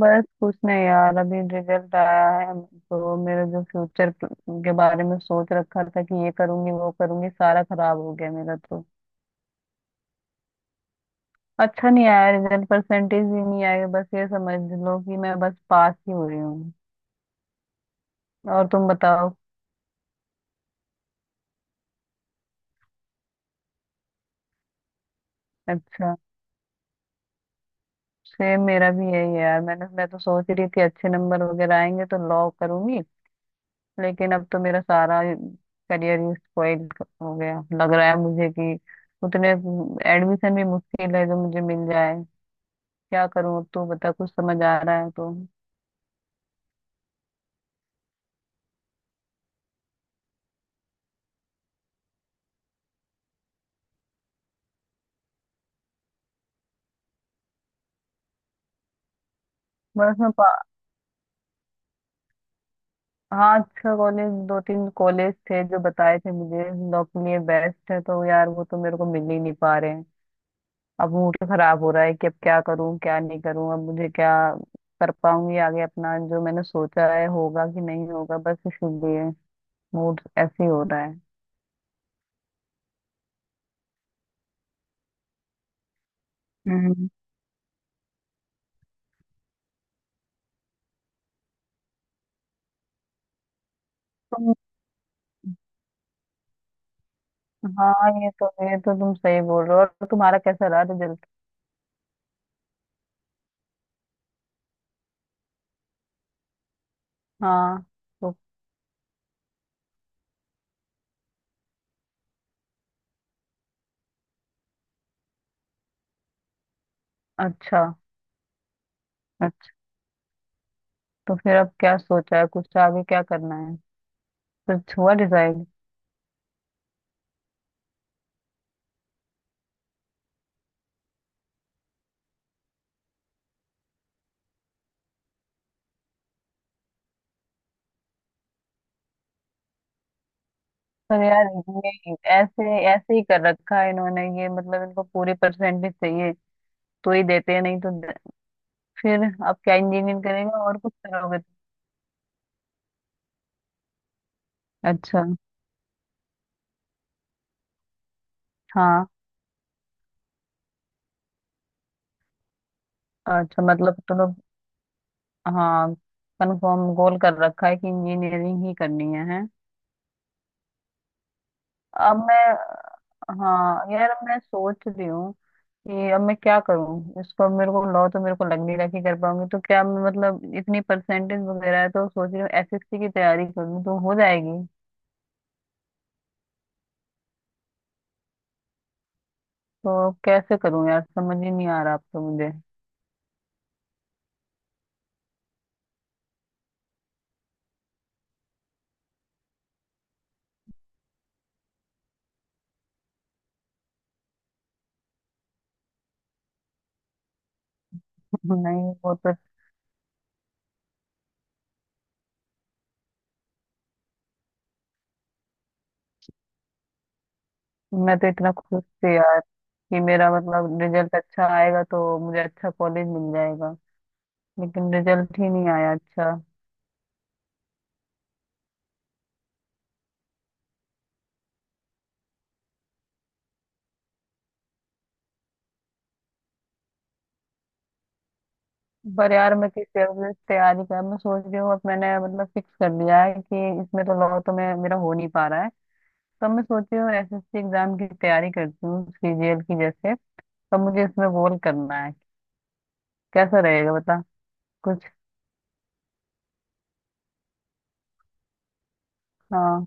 बस कुछ नहीं यार, अभी रिजल्ट आया है तो मेरा जो फ्यूचर के बारे में सोच रखा था कि ये करूंगी वो करूंगी, सारा खराब हो गया मेरा तो। अच्छा नहीं आया रिजल्ट, परसेंटेज भी नहीं आया। बस ये समझ लो कि मैं बस पास ही हो रही हूँ। और तुम बताओ? अच्छा। सेम, मेरा भी यही है यार। मैं तो सोच रही थी अच्छे नंबर वगैरह आएंगे तो लॉ करूंगी, लेकिन अब तो मेरा सारा करियर ही स्पॉइल हो गया। लग रहा है मुझे कि उतने एडमिशन भी मुश्किल है जो मुझे मिल जाए। क्या करूं अब? तो बता, कुछ समझ आ रहा है तो। बस मैं पा... हाँ, अच्छा कॉलेज, दो तीन कॉलेज थे जो बताए थे मुझे, लॉ के लिए बेस्ट है, तो यार वो तो मेरे को मिल ही नहीं पा रहे हैं। अब मूड खराब हो रहा है कि अब क्या करूं क्या नहीं करूं, अब मुझे क्या कर पाऊंगी आगे, अपना जो मैंने सोचा है होगा कि नहीं होगा। बस इसीलिए मूड ऐसे ही हो रहा है। हम्म। तुम हाँ, ये तो तुम सही बोल रहे हो। और तुम्हारा कैसा रहा रिजल्ट? हाँ। तो। अच्छा। अच्छा। तो फिर अब क्या सोचा है कुछ, तो आगे क्या करना है? कुछ हुआ डिसाइड? पर यार, ये ऐसे ऐसे ही कर रखा है इन्होंने, ये मतलब इनको पूरी परसेंटेज चाहिए तो ही देते हैं, नहीं तो फिर। अब क्या, इंजीनियरिंग करेगा और कुछ करोगे तुम? अच्छा। हाँ। अच्छा, मतलब तुम लोग। हाँ, कंफर्म गोल कर रखा है कि इंजीनियरिंग ही करनी है, है? अब मैं हाँ यार, अब मैं सोच रही हूँ कि अब मैं क्या करूँ इसको, अब मेरे को लॉ तो मेरे को लग नहीं रहा कि कर पाऊंगी। तो क्या मैं मतलब इतनी परसेंटेज वगैरह है तो सोच रही हूँ एसएससी की तैयारी कर लूँ तो हो जाएगी। तो कैसे करूँ यार, समझ ही नहीं आ रहा अब तो मुझे। नहीं, वो तो मैं तो इतना खुश थी यार कि मेरा, मतलब, रिजल्ट अच्छा आएगा तो मुझे अच्छा कॉलेज मिल जाएगा, लेकिन रिजल्ट ही नहीं आया अच्छा। पर यार, मैं किस तरह से तैयारी कर, मैं सोच रही हूँ अब मैंने मतलब फिक्स कर लिया है कि इसमें तो लॉ तो मैं, मेरा हो नहीं पा रहा है। तो मैं सोच रही हूँ एसएससी एग्जाम की तैयारी करती हूँ, सीजीएल की जैसे। तो मुझे इसमें गोल करना है, कैसा रहेगा बता कुछ? हाँ।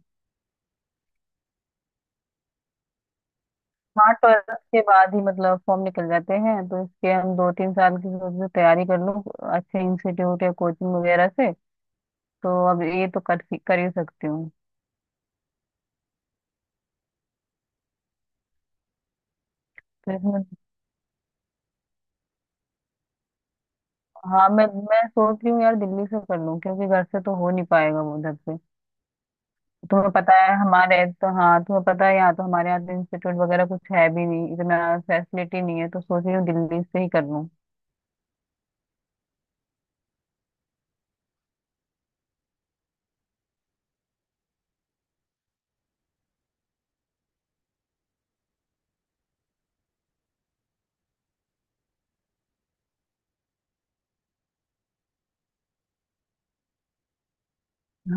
हाँ, ट्वेल्थ के बाद ही मतलब फॉर्म निकल जाते हैं, तो इसके हम 2-3 साल की सोच रहे तैयारी कर लूँ अच्छे इंस्टीट्यूट या कोचिंग वगैरह से। तो अब ये तो कर कर ही सकती हूँ। तो इसमें, हाँ, मैं सोच रही हूँ यार दिल्ली से कर लूँ क्योंकि घर से तो हो नहीं पाएगा वो उधर से। तुम्हें पता है हमारे। तो हाँ, तुम्हें पता है, यहाँ तो हमारे यहाँ तो इंस्टीट्यूट वगैरह कुछ है भी नहीं इतना, फैसिलिटी नहीं है। तो सोच रही हूँ दिल्ली से ही कर लूँ।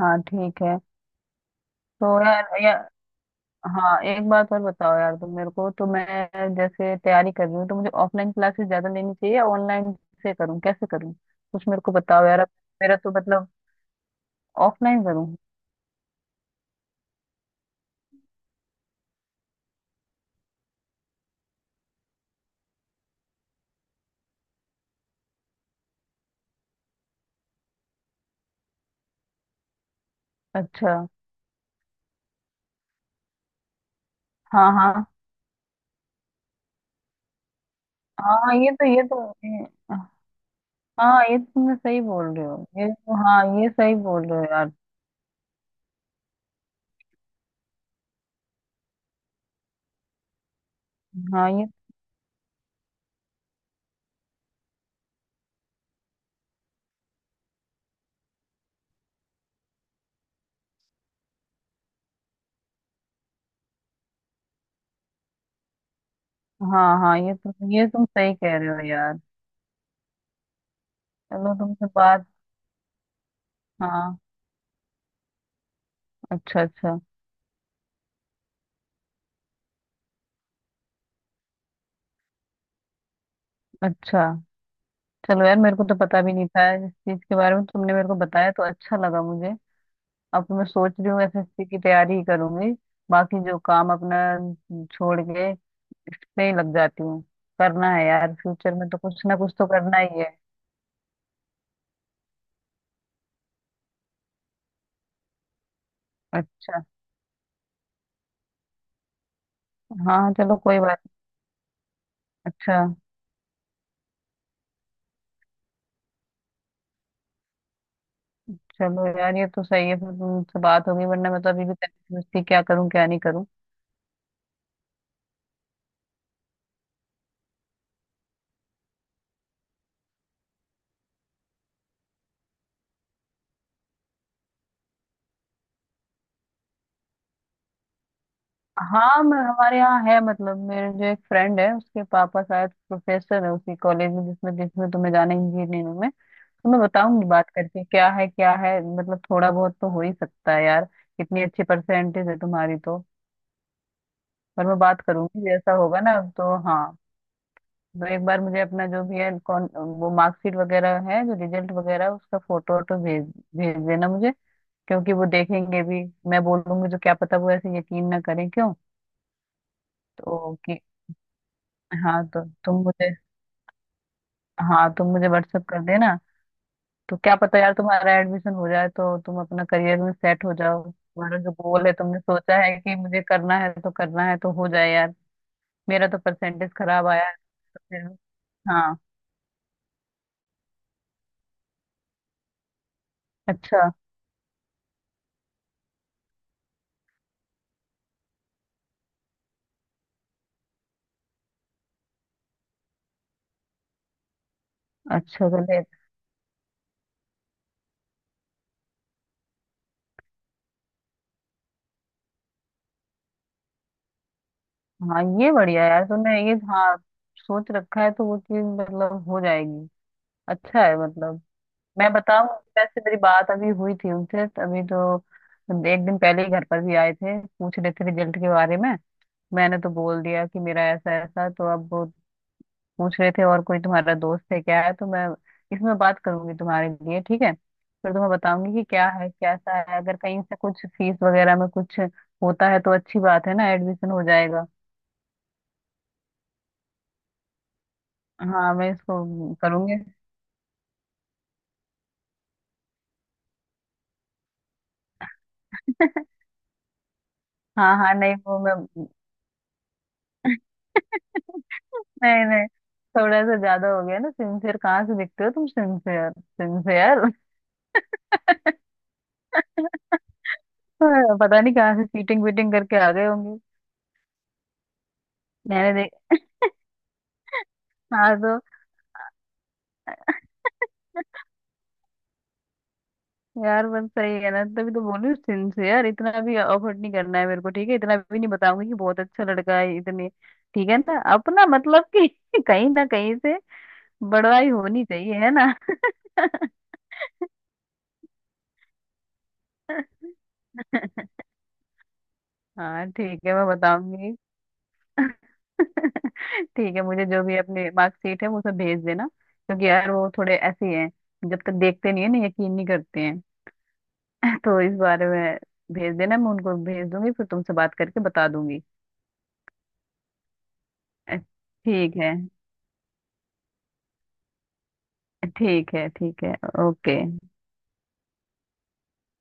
हाँ, ठीक है। तो यार, हाँ, एक बात और बताओ यार, तुम मेरे को, तो मैं जैसे तैयारी कर रही हूँ तो मुझे ऑफलाइन क्लासेस ज्यादा लेनी चाहिए या ऑनलाइन से करूँ, कैसे करूँ, कुछ मेरे को बताओ यार। अब मेरा तो मतलब ऑफलाइन करूँ। अच्छा। हाँ, हाँ, हाँ, ये तो हाँ, ये तुमने सही बोल रहे हो, ये तो, हाँ, ये सही बोल रहे हो यार। हाँ, ये, हाँ, हाँ, ये तुम सही कह रहे हो यार। चलो तुमसे बात। हाँ। अच्छा। अच्छा। अच्छा। चलो यार, मेरे को तो पता भी नहीं था इस चीज के बारे में, तुमने मेरे को बताया तो अच्छा लगा मुझे। अब तो मैं सोच रही हूँ एसएससी की तैयारी ही करूंगी, बाकी जो काम अपना छोड़ के इस पे ही लग जाती हूँ। करना है यार, फ्यूचर में तो कुछ ना कुछ तो करना ही है। अच्छा। हाँ, चलो, कोई बात। अच्छा। चलो यार, ये तो सही है। फिर तुमसे बात होगी, वरना मैं तो अभी भी तहरीर मस्ती, क्या करूं क्या नहीं करूं। हाँ, मैं, हमारे यहाँ है मतलब मेरे जो एक फ्रेंड है उसके पापा शायद प्रोफेसर है उसी कॉलेज में जिसमें जिसमें तुम्हें जाना है, इंजीनियरिंग में। तो मैं बताऊंगी, बात करके क्या है क्या है, मतलब थोड़ा बहुत तो हो ही सकता है यार, इतनी अच्छी परसेंटेज है तुम्हारी तो। पर मैं बात करूंगी जैसा होगा ना। तो, हाँ, तो एक बार मुझे अपना, जो भी है, कौन, वो मार्कशीट वगैरह है जो रिजल्ट वगैरह है, उसका फोटो वोटो भेज भेज देना मुझे क्योंकि वो देखेंगे भी, मैं बोलूंगी तो क्या पता वो ऐसे यकीन ना करें क्यों। तो, कि, हाँ, तो तुम मुझे हाँ, तुम मुझे व्हाट्सअप कर देना। तो क्या पता यार, तुम्हारा एडमिशन हो जाए तो तुम अपना करियर में सेट हो जाओ, तुम्हारा जो गोल है तुमने सोचा है कि मुझे करना है तो करना है, तो हो जाए यार। मेरा तो परसेंटेज खराब आया है। तो फिर। हाँ। अच्छा। अच्छा। तो ले। हाँ, ये बढ़िया है यार, तुमने ये, हाँ, सोच रखा है तो वो चीज मतलब हो जाएगी। अच्छा है मतलब। मैं बताऊं। वैसे मेरी बात अभी हुई थी उनसे, अभी तो एक दिन पहले ही घर पर भी आए थे, पूछ रहे थे रिजल्ट के बारे में। मैंने तो बोल दिया कि मेरा ऐसा ऐसा, तो अब वो पूछ रहे थे और कोई तुम्हारा दोस्त है क्या है। तो मैं इसमें बात करूंगी तुम्हारे लिए, ठीक है, फिर तुम्हें बताऊंगी कि क्या है कैसा है, अगर कहीं से कुछ फीस वगैरह में कुछ होता है तो अच्छी बात है ना, एडमिशन हो जाएगा। हाँ, मैं इसको करूंगी। हाँ, हाँ, नहीं, वो मैं, नहीं, नहीं, थोड़ा सा ज्यादा हो गया ना। सिंसियर कहाँ से दिखते हो तुम? Sincere, sincere. पता नहीं कहाँ से चीटिंग वीटिंग करके आ गए होंगे। मैंने देख हाँ, तो यार, बस सही है ना, तभी तो बोल रही हूँ सिंसियर। इतना भी अफर्ट नहीं करना है मेरे को, ठीक है? इतना भी नहीं बताऊंगी कि बहुत अच्छा लड़का है इतने, ठीक है ना। अपना मतलब कि। कहीं ना कहीं से बड़वाई होनी चाहिए है ना। हाँ, ठीक है, मैं बताऊंगी। ठीक है, मुझे जो भी अपनी मार्कशीट है वो सब भेज देना क्योंकि यार वो थोड़े ऐसे ही हैं, जब तक देखते नहीं है ना यकीन नहीं करते हैं। तो इस बारे में भेज देना, मैं उनको भेज दूंगी, फिर तुमसे बात करके बता दूंगी। ठीक है, ठीक है, ठीक है, ओके।